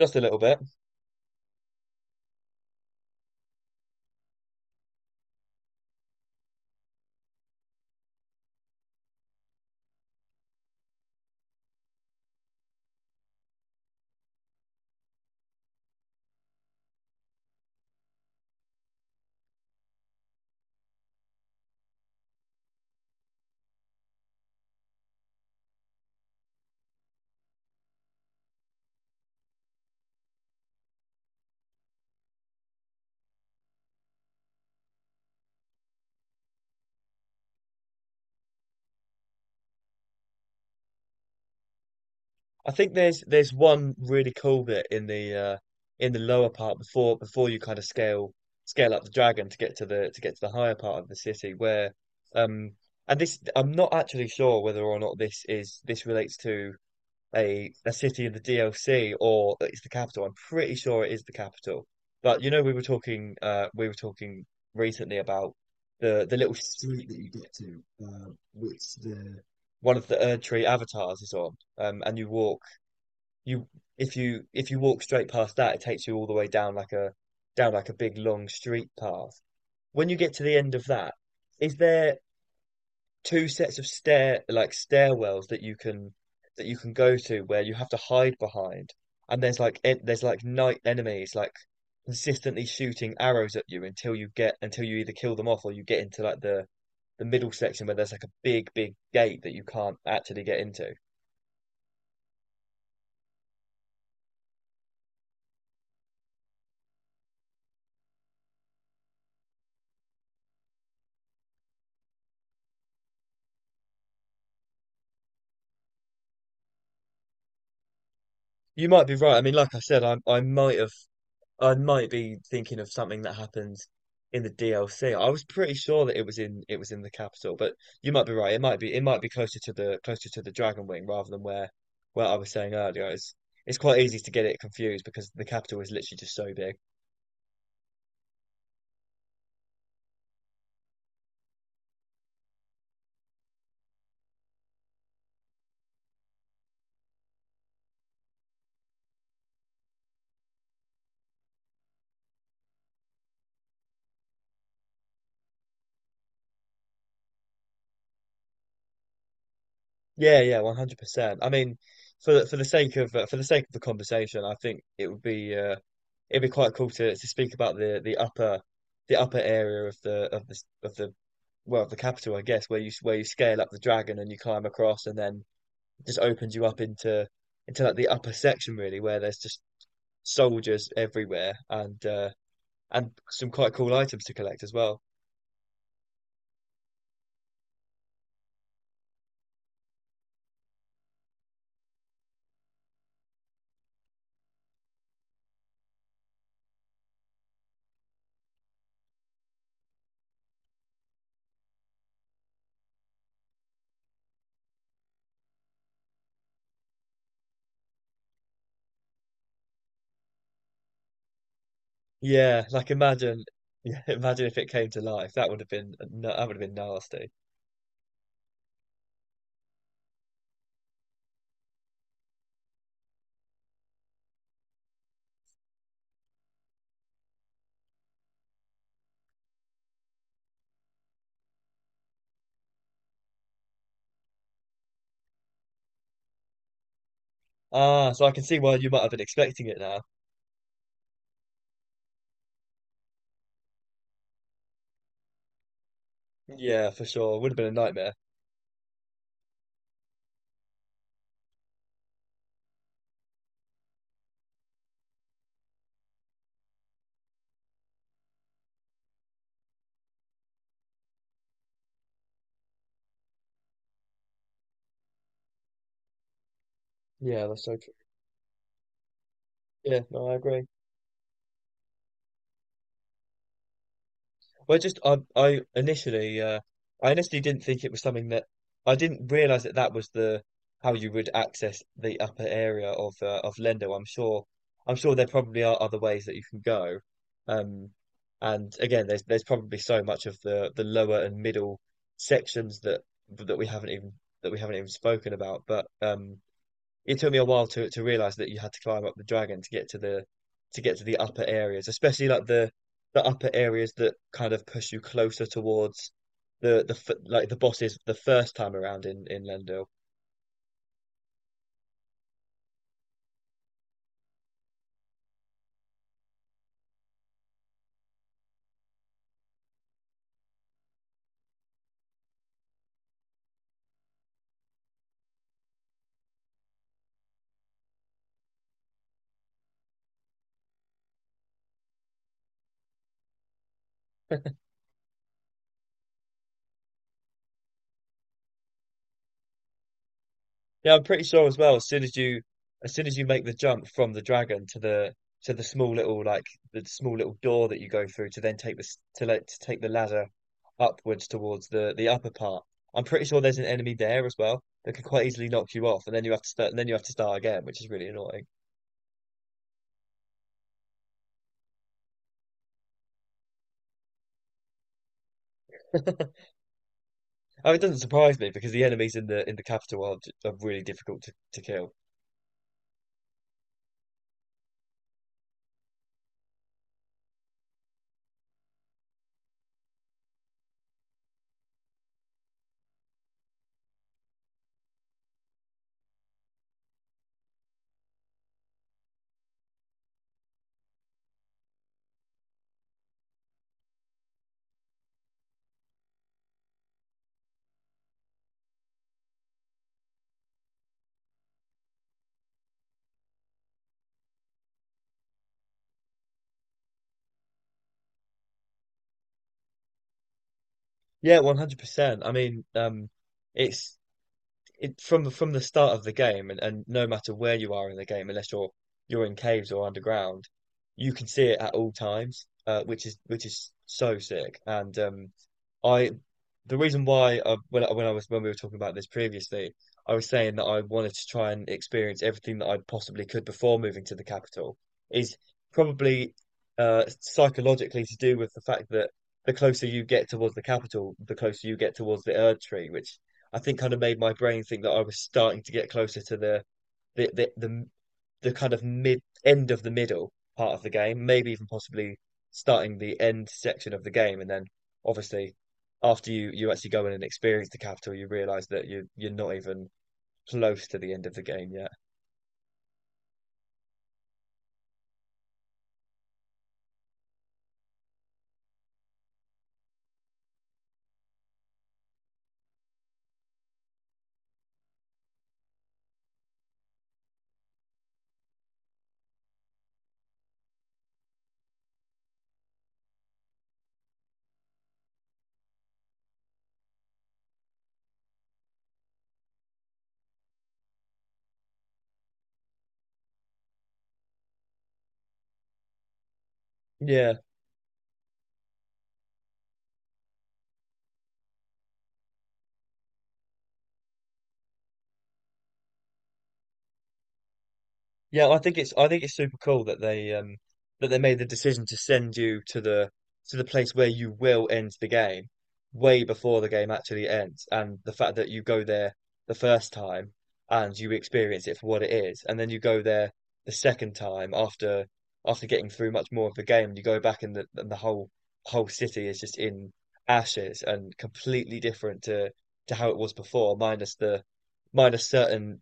Just a little bit. I think there's one really cool bit in the lower part before you kind of scale up the dragon to get to the higher part of the city where um and this, I'm not actually sure whether or not this is this relates to a city in the DLC or it's the capital. I'm pretty sure it is the capital. But you know, we were talking recently about the little street that you get to, which the one of the Erdtree avatars is on. And you walk you if you walk straight past that, it takes you all the way down like a big long street path. When you get to the end of that, is there two sets of stair, like stairwells, that you can go to where you have to hide behind, and there's like en there's like night enemies like consistently shooting arrows at you until you get until you either kill them off or you get into like the middle section where there's like a big gate that you can't actually get into. You might be right. I mean, like I said, I might be thinking of something that happened in the DLC. I was pretty sure that it was in the capital, but you might be right. It might be closer to the Dragon Wing rather than where I was saying earlier. It's quite easy to get it confused because the capital is literally just so big. Yeah, yeah, 100%. I mean, for the sake of for the sake of the conversation, I think it'd be quite cool to speak about the upper area of the of the of the well, the capital, I guess, where you scale up the dragon and you climb across, and then it just opens you up into like the upper section, really, where there's just soldiers everywhere, and some quite cool items to collect as well. Yeah, imagine if it came to life. That would have been nasty. Ah, so I can see why you might have been expecting it now. Yeah, for sure. It would have been a nightmare. Yeah, that's so true. Yeah, no, I agree. Well, just I initially didn't think it was something that I didn't realize that that was the how you would access the upper area of Lendo. I'm sure there probably are other ways that you can go. Um, and again, there's probably so much of the lower and middle sections that that we haven't even that we haven't even spoken about. But. It took me a while to realize that you had to climb up the dragon to get to the upper areas, especially like the upper areas that kind of push you closer towards the bosses the first time around in Lendo. Yeah, I'm pretty sure as well. As soon as you make the jump from the dragon to the small little like the small little door that you go through to then take this to like to take the ladder upwards towards the upper part. I'm pretty sure there's an enemy there as well that could quite easily knock you off, and then you have to start. Again, which is really annoying. Oh, it doesn't surprise me because the enemies in the capital are, are really difficult to kill. Yeah, 100%. I mean, it's it, from the start of the game, and no matter where you are in the game, unless you're in caves or underground, you can see it at all times, which is so sick. And I the reason why I, when I, when I was when we were talking about this previously, I was saying that I wanted to try and experience everything that I possibly could before moving to the capital is probably psychologically to do with the fact that the closer you get towards the capital, the closer you get towards the Erd Tree, which I think kind of made my brain think that I was starting to get closer to the the the, the kind of mid end of the middle part of the game, maybe even possibly starting the end section of the game, and then obviously after you actually go in and experience the capital, you realize that you're not even close to the end of the game yet. Yeah. Yeah, I think it's super cool that they made the decision to send you to the place where you will end the game way before the game actually ends, and the fact that you go there the first time and you experience it for what it is, and then you go there the second time after getting through much more of the game, and you go back, and the whole whole city is just in ashes and completely different to how it was before, minus the minus certain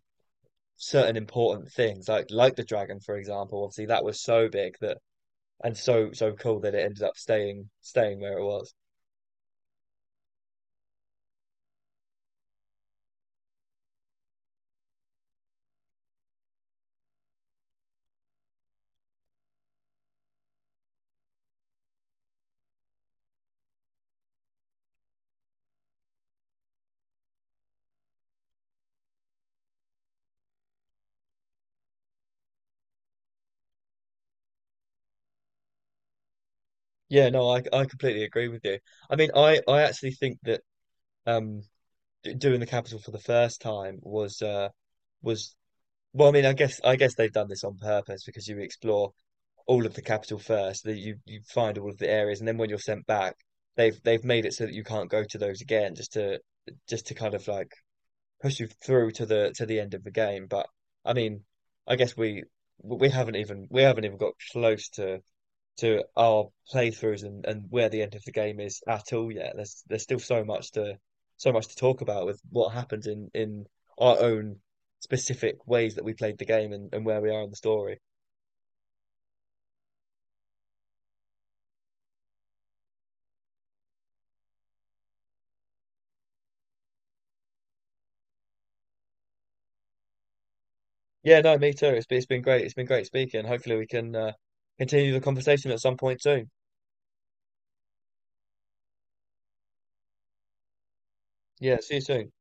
certain important things, like the dragon, for example. Obviously, that was so big that and so so cool that it ended up staying where it was. Yeah, no, I completely agree with you. I mean, I actually think that um doing the capital for the first time was was well, I mean, I guess they've done this on purpose because you explore all of the capital first, that you find all of the areas, and then when you're sent back, they've made it so that you can't go to those again, just to kind of like push you through to the end of the game. But I mean, I guess we haven't even got close to our playthroughs and where the end of the game is at all yet. There's still so much to talk about with what happens in our own specific ways that we played the game, and where we are in the story. Yeah, no, me too. It's been great. It's been great speaking. Hopefully we can continue the conversation at some point soon. Yeah, see you soon.